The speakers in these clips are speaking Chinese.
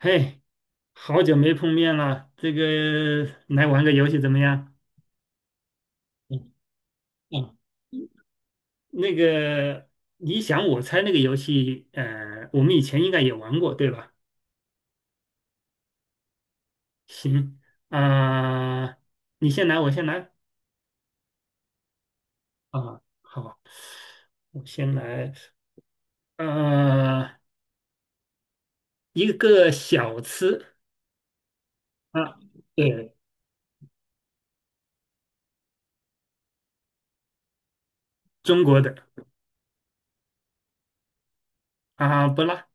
嘿，好久没碰面了，这个来玩个游戏怎么样？嗯嗯，那个你想我猜那个游戏，我们以前应该也玩过，对吧？行啊，你先来，我先来啊，好，我先来，呃，一个小吃啊，对，中国的啊，不辣，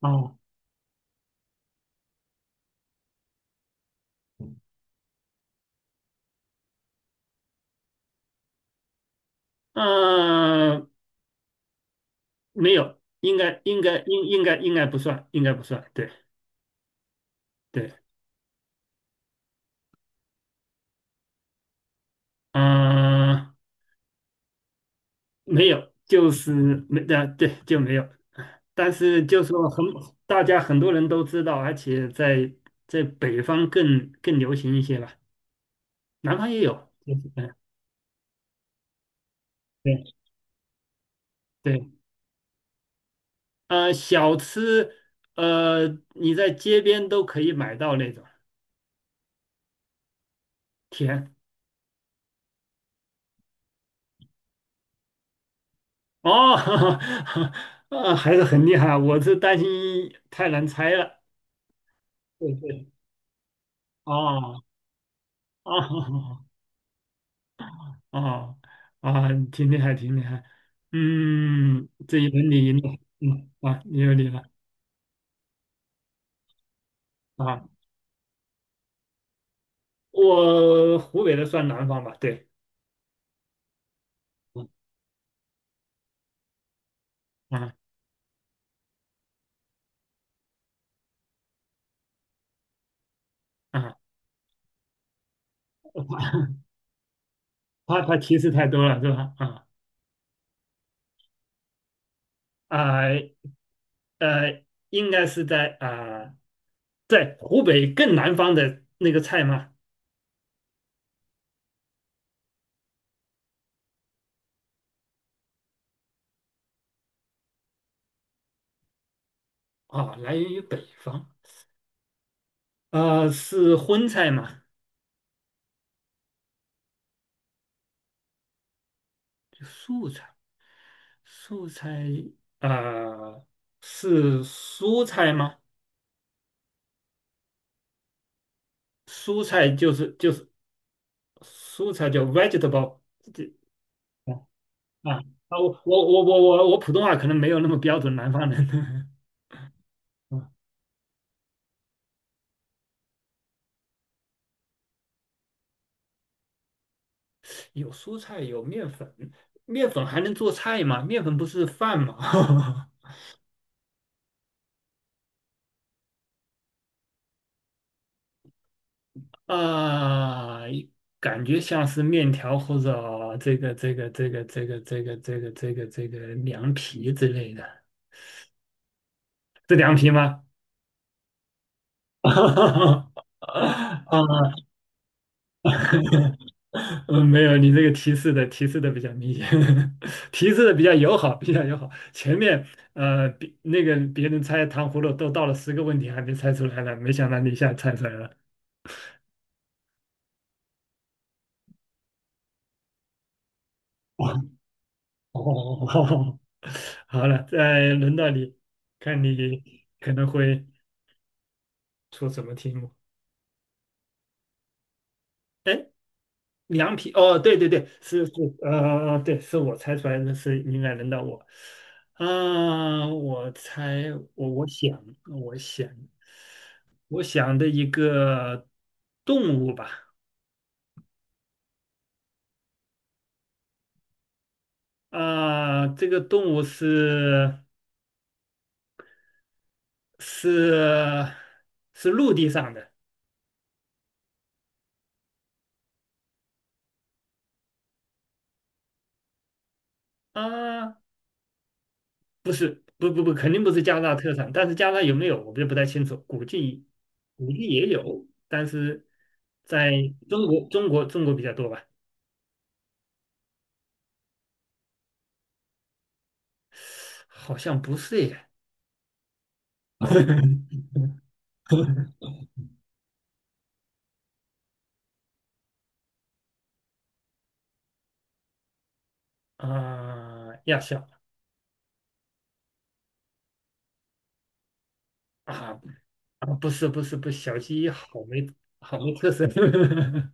哦，啊，没有，应该不算，应该不算，对。对，嗯，没有，就是没，对，对，就没有。但是就说很，大家很多人都知道，而且在北方更流行一些吧，南方也有。就是对对，小吃，呃，你在街边都可以买到那种甜。哦，还是很厉害，我是担心太难猜了。对对，哦哦。啊啊，挺厉害，挺厉害。嗯，这一轮你赢了，嗯啊，你有理了啊。我湖北的算南方吧，对，嗯啊啊，怕他提示太多了是吧？啊啊呃，应该是在湖北更南方的那个菜吗？啊，来源于北方，啊，是荤菜吗？就素菜，素菜啊、是蔬菜吗？蔬菜就是蔬菜叫 vegetable，这啊我普通话可能没有那么标准，南方人。嗯有蔬菜，有面粉，面粉还能做菜吗？面粉不是饭吗？啊，感觉像是面条或者这个凉皮之类的，是凉皮吗？啊 嗯，没有，你这个提示的比较明显，提示的比较友好，比较友好。前面别那个别人猜糖葫芦都到了10个问题还没猜出来呢，没想到你一下猜出来了。哦，好了，再轮到你，看你可能会出什么题目。哎凉皮哦，对对对，是是，对，是我猜出来的是应该轮到我，啊、我猜我我想我想我想的一个动物吧，这个动物是是陆地上的啊、不是不不不，肯定不是加拿大特产，但是加拿大有没有我就不太清楚，估计也有，但是在中国比较多吧。好像不是耶。啊、亚小啊啊，不是不是不是小鸡好没特色，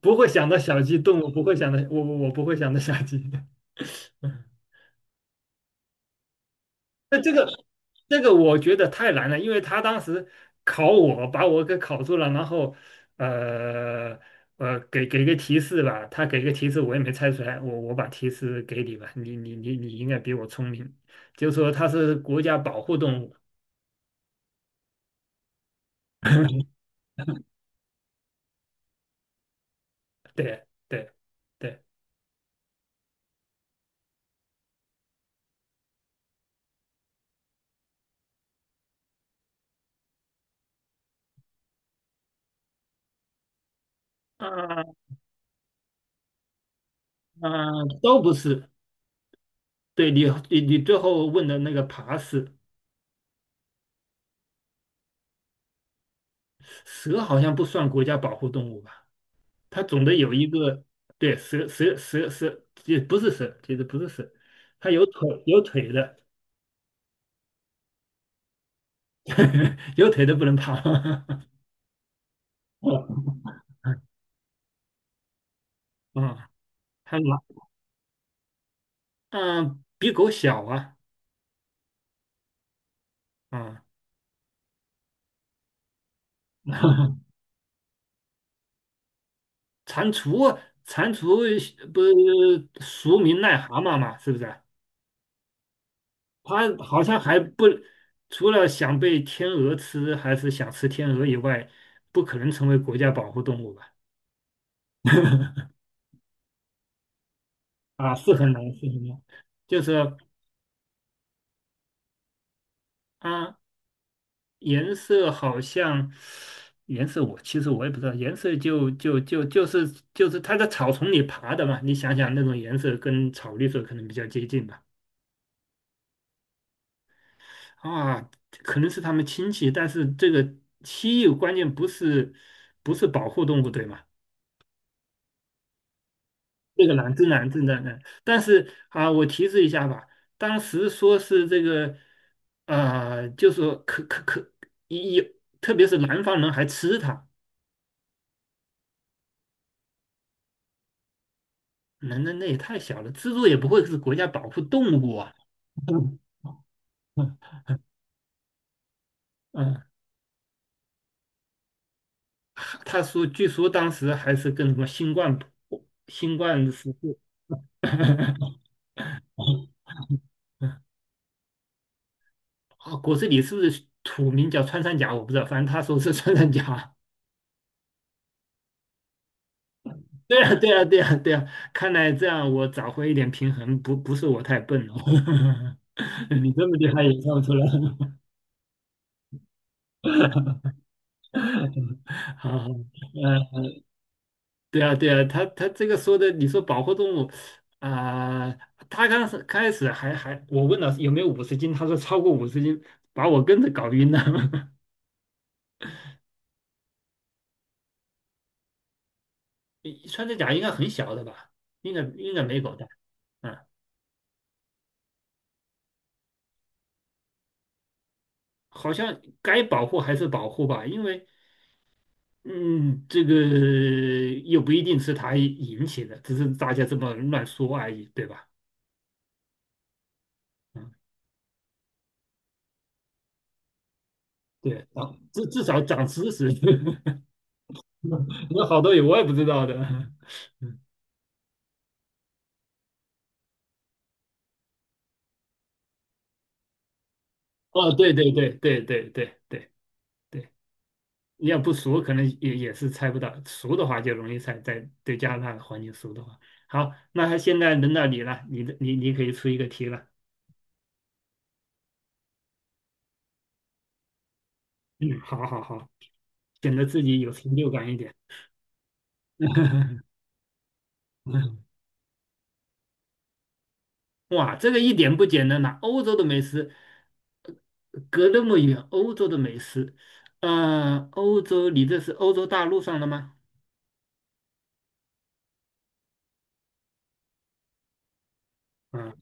不会想到小鸡动物，不会想到我我我不会想到小鸡 那这个我觉得太难了，因为他当时考我，把我给考住了，然后呃给个提示吧，他给个提示我也没猜出来，我把提示给你吧，你应该比我聪明，就说它是国家保护动物。对对对，啊、啊、都不是。对你最后问的那个爬是蛇好像不算国家保护动物吧？它总得有一个，对，蛇，也不是蛇，其实不是蛇，它有腿的，有腿的不能爬。哦嗯，它哪？嗯，比狗小啊，啊，蟾蜍，蟾蜍不是俗名癞蛤蟆嘛，是不是啊？它好像还不，除了想被天鹅吃，还是想吃天鹅以外，不可能成为国家保护动物吧？啊，是很难，是很难。就是啊，颜色好像，颜色我其实我也不知道，颜色就是它在草丛里爬的嘛。你想想那种颜色跟草绿色可能比较接近吧？啊，可能是它们亲戚，但是这个蜥蜴关键不是保护动物，对吗？这个难，真难，真难。但是啊，我提示一下吧，当时说是这个，就说可可可，有，特别是南方人还吃它，那也太小了，蜘蛛也不会是国家保护动物啊。嗯嗯，嗯他说，据说当时还是跟什么新冠时候 啊，果子狸是不是土名叫穿山甲？我不知道，反正他说是穿山甲。对啊，对啊，对啊，对啊，看来这样我找回一点平衡，不不是我太笨了，你这么厉害也看不出来。好，好，对啊，对啊，他这个说的，你说保护动物啊、他刚是开始还，我问了有没有五十斤，他说超过五十斤，把我跟着搞晕了。你穿着甲应该很小的吧？应该没狗大，嗯，好像该保护还是保护吧，因为嗯，这个又不一定是他引起的，只是大家这么乱说而已，对吧？嗯，对，至少长知识，有好多也我也不知道的。嗯，哦，对对对对对对对对，你要不熟，可能也是猜不到；熟的话就容易猜，在对加拿大的环境熟的话。好，那现在轮到你了，你的你你可以出一个题了。嗯，好好好，显得自己有成就感一点。哇，这个一点不简单呐、欧洲的美食隔那么远，欧洲的美食，嗯，欧洲，你这是欧洲大陆上的吗？嗯，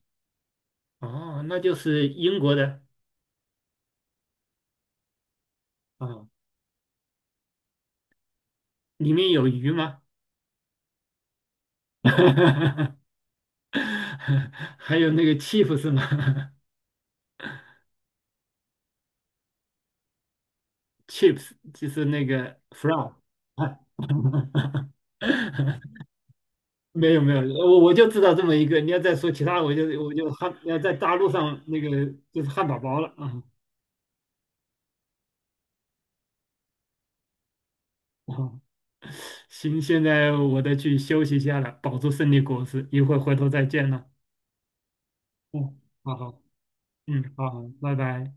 哦，那就是英国的啊、里面有鱼吗？还有那个 chips 是吗 ？chips 就是那个 fry。没有没有，我就知道这么一个。你要再说其他，我就要在大陆上那个就是汉堡包了啊。哦，行，现在我得去休息一下了，保住胜利果实，一会儿回头再见了。嗯，好好，嗯，好好，拜拜。